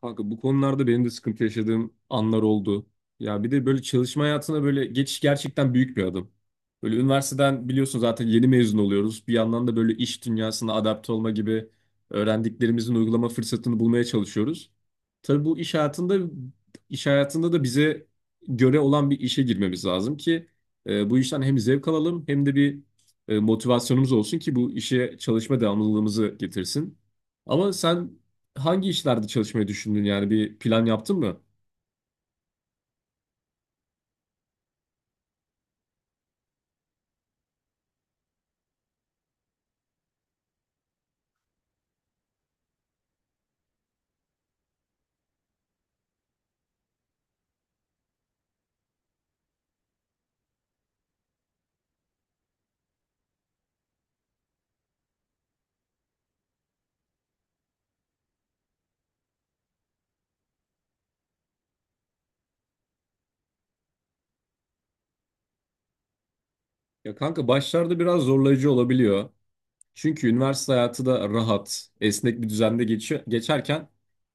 Kanka bu konularda benim de sıkıntı yaşadığım anlar oldu. Ya bir de böyle çalışma hayatına böyle geçiş gerçekten büyük bir adım. Böyle üniversiteden biliyorsun zaten yeni mezun oluyoruz. Bir yandan da böyle iş dünyasına adapte olma gibi öğrendiklerimizin uygulama fırsatını bulmaya çalışıyoruz. Tabii bu iş hayatında da bize göre olan bir işe girmemiz lazım ki bu işten hem zevk alalım hem de bir motivasyonumuz olsun ki bu işe çalışma devamlılığımızı getirsin. Ama sen hangi işlerde çalışmayı düşündün yani bir plan yaptın mı? Ya kanka başlarda biraz zorlayıcı olabiliyor. Çünkü üniversite hayatı da rahat, esnek bir düzende geçiyor, geçerken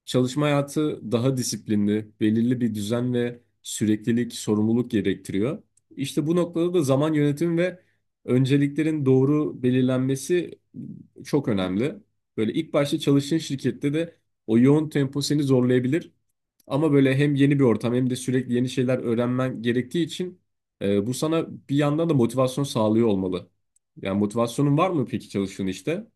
çalışma hayatı daha disiplinli, belirli bir düzen ve süreklilik, sorumluluk gerektiriyor. İşte bu noktada da zaman yönetimi ve önceliklerin doğru belirlenmesi çok önemli. Böyle ilk başta çalıştığın şirkette de o yoğun tempo seni zorlayabilir. Ama böyle hem yeni bir ortam hem de sürekli yeni şeyler öğrenmen gerektiği için bu sana bir yandan da motivasyon sağlıyor olmalı. Yani motivasyonun var mı peki çalıştığın işte?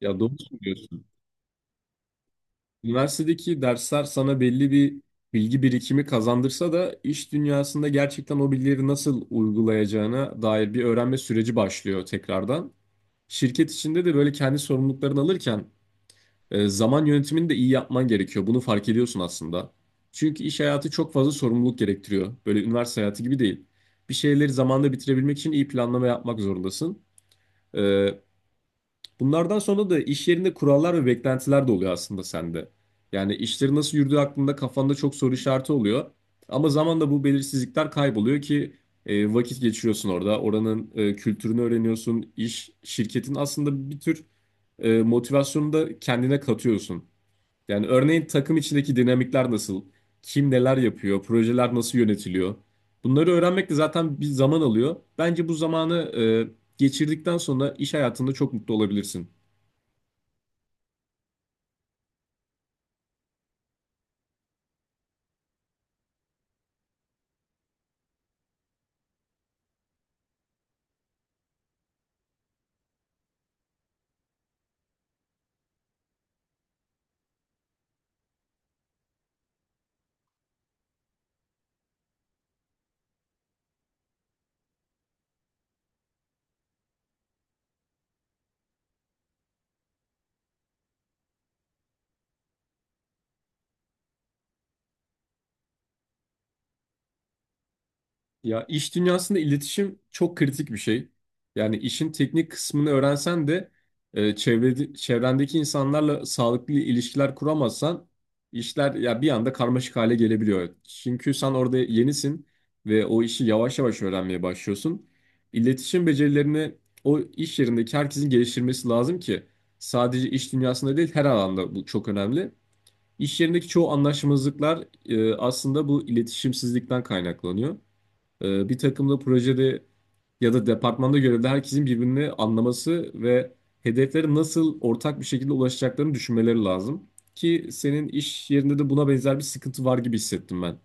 Ya doğru söylüyorsun. Üniversitedeki dersler sana belli bir bilgi birikimi kazandırsa da iş dünyasında gerçekten o bilgileri nasıl uygulayacağına dair bir öğrenme süreci başlıyor tekrardan. Şirket içinde de böyle kendi sorumluluklarını alırken zaman yönetimini de iyi yapman gerekiyor. Bunu fark ediyorsun aslında. Çünkü iş hayatı çok fazla sorumluluk gerektiriyor. Böyle üniversite hayatı gibi değil. Bir şeyleri zamanında bitirebilmek için iyi planlama yapmak zorundasın. E, Bunlardan sonra da iş yerinde kurallar ve beklentiler de oluyor aslında sende. Yani işlerin nasıl yürüdüğü hakkında kafanda çok soru işareti oluyor. Ama zamanla bu belirsizlikler kayboluyor ki vakit geçiriyorsun orada. Oranın kültürünü öğreniyorsun. İş, şirketin aslında bir tür motivasyonunu da kendine katıyorsun. Yani örneğin takım içindeki dinamikler nasıl? Kim neler yapıyor? Projeler nasıl yönetiliyor? Bunları öğrenmek de zaten bir zaman alıyor. Bence bu zamanı geçirdikten sonra iş hayatında çok mutlu olabilirsin. Ya iş dünyasında iletişim çok kritik bir şey. Yani işin teknik kısmını öğrensen de çevrendeki insanlarla sağlıklı ilişkiler kuramazsan işler ya bir anda karmaşık hale gelebiliyor. Çünkü sen orada yenisin ve o işi yavaş yavaş öğrenmeye başlıyorsun. İletişim becerilerini o iş yerindeki herkesin geliştirmesi lazım ki sadece iş dünyasında değil her alanda bu çok önemli. İş yerindeki çoğu anlaşmazlıklar aslında bu iletişimsizlikten kaynaklanıyor. Bir takımda projede ya da departmanda görevli herkesin birbirini anlaması ve hedeflere nasıl ortak bir şekilde ulaşacaklarını düşünmeleri lazım. Ki senin iş yerinde de buna benzer bir sıkıntı var gibi hissettim ben.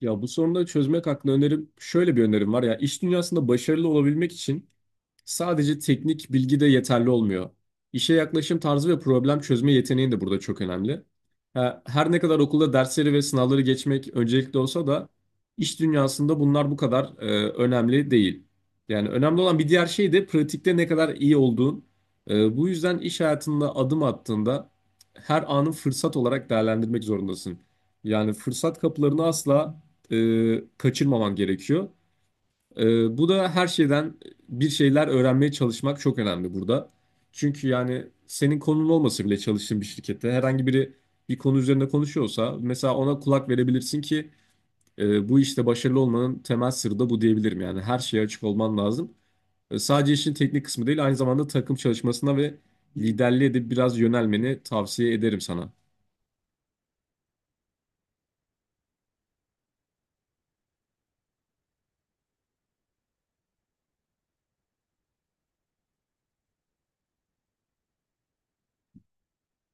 Ya bu sorunu da çözmek hakkında önerim şöyle bir önerim var ya iş dünyasında başarılı olabilmek için sadece teknik bilgi de yeterli olmuyor. İşe yaklaşım tarzı ve problem çözme yeteneğin de burada çok önemli. Ha, her ne kadar okulda dersleri ve sınavları geçmek öncelikli olsa da iş dünyasında bunlar bu kadar önemli değil. Yani önemli olan bir diğer şey de pratikte ne kadar iyi olduğun. Bu yüzden iş hayatında adım attığında her anı fırsat olarak değerlendirmek zorundasın. Yani fırsat kapılarını asla kaçırmaman gerekiyor. Bu da her şeyden bir şeyler öğrenmeye çalışmak çok önemli burada. Çünkü yani senin konun olmasa bile çalıştığın bir şirkette herhangi biri bir konu üzerinde konuşuyorsa mesela ona kulak verebilirsin ki bu işte başarılı olmanın temel sırrı da bu diyebilirim. Yani her şeye açık olman lazım. Sadece işin teknik kısmı değil, aynı zamanda takım çalışmasına ve liderliğe de biraz yönelmeni tavsiye ederim sana.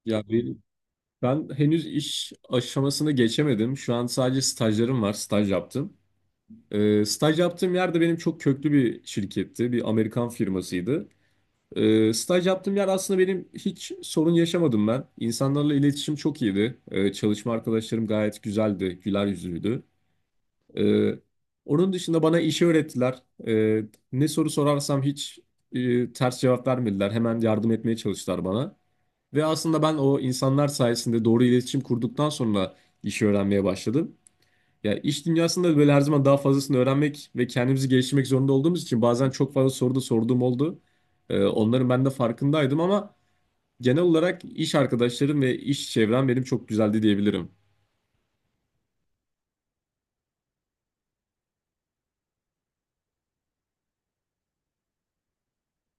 Ya ben, ben henüz iş aşamasını geçemedim. Şu an sadece stajlarım var, staj yaptım. Staj yaptığım yerde benim çok köklü bir şirketti, bir Amerikan firmasıydı. Staj yaptığım yer aslında benim hiç sorun yaşamadım ben. İnsanlarla iletişim çok iyiydi. Çalışma arkadaşlarım gayet güzeldi, güler yüzlüydü. Ee, Onun dışında bana işi öğrettiler. Ne soru sorarsam hiç ters cevap vermediler. Hemen yardım etmeye çalıştılar bana. Ve aslında ben o insanlar sayesinde doğru iletişim kurduktan sonra işi öğrenmeye başladım. Ya iş dünyasında böyle her zaman daha fazlasını öğrenmek ve kendimizi geliştirmek zorunda olduğumuz için bazen çok fazla soru da sorduğum oldu. Onların ben de farkındaydım ama genel olarak iş arkadaşlarım ve iş çevrem benim çok güzeldi diyebilirim.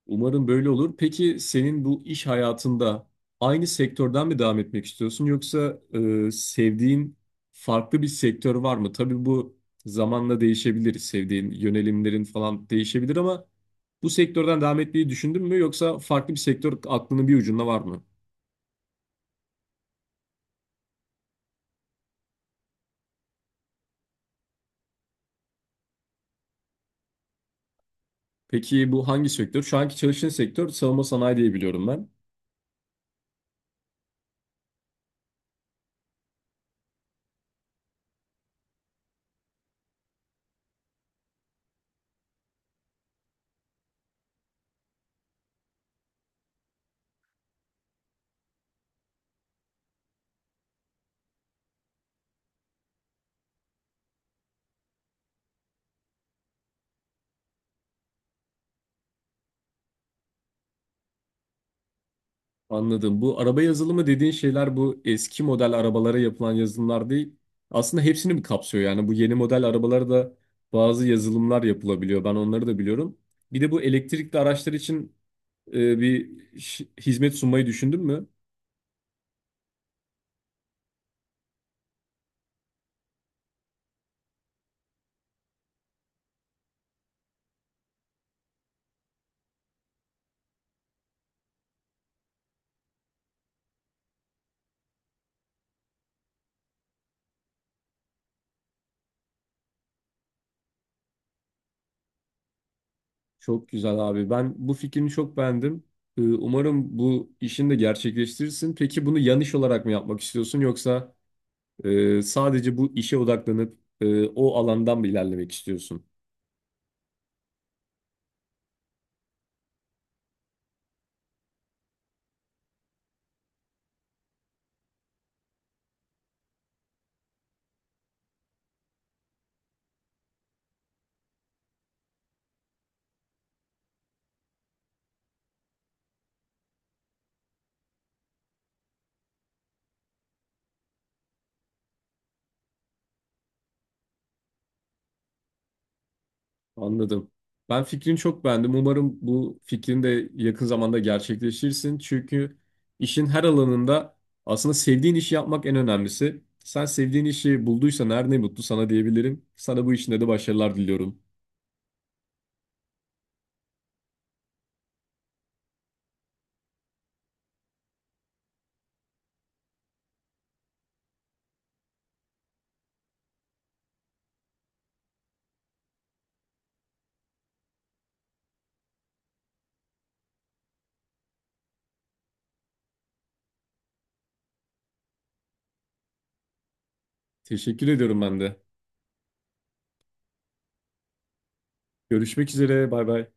Umarım böyle olur. Peki senin bu iş hayatında aynı sektörden mi devam etmek istiyorsun yoksa sevdiğin farklı bir sektör var mı? Tabii bu zamanla değişebilir. Sevdiğin yönelimlerin falan değişebilir ama bu sektörden devam etmeyi düşündün mü yoksa farklı bir sektör aklının bir ucunda var mı? Peki bu hangi sektör? Şu anki çalıştığın sektör savunma sanayi diye biliyorum ben. Anladım. Bu araba yazılımı dediğin şeyler bu eski model arabalara yapılan yazılımlar değil. Aslında hepsini mi kapsıyor? Yani bu yeni model arabalara da bazı yazılımlar yapılabiliyor. Ben onları da biliyorum. Bir de bu elektrikli araçlar için e, bir şi- hizmet sunmayı düşündün mü? Çok güzel abi. Ben bu fikrini çok beğendim. Umarım bu işini de gerçekleştirirsin. Peki bunu yan iş olarak mı yapmak istiyorsun yoksa sadece bu işe odaklanıp o alandan mı ilerlemek istiyorsun? Anladım. Ben fikrini çok beğendim. Umarım bu fikrin de yakın zamanda gerçekleşirsin. Çünkü işin her alanında aslında sevdiğin işi yapmak en önemlisi. Sen sevdiğin işi bulduysan her ne mutlu sana diyebilirim. Sana bu işinde de başarılar diliyorum. Teşekkür ediyorum ben de. Görüşmek üzere. Bay bay.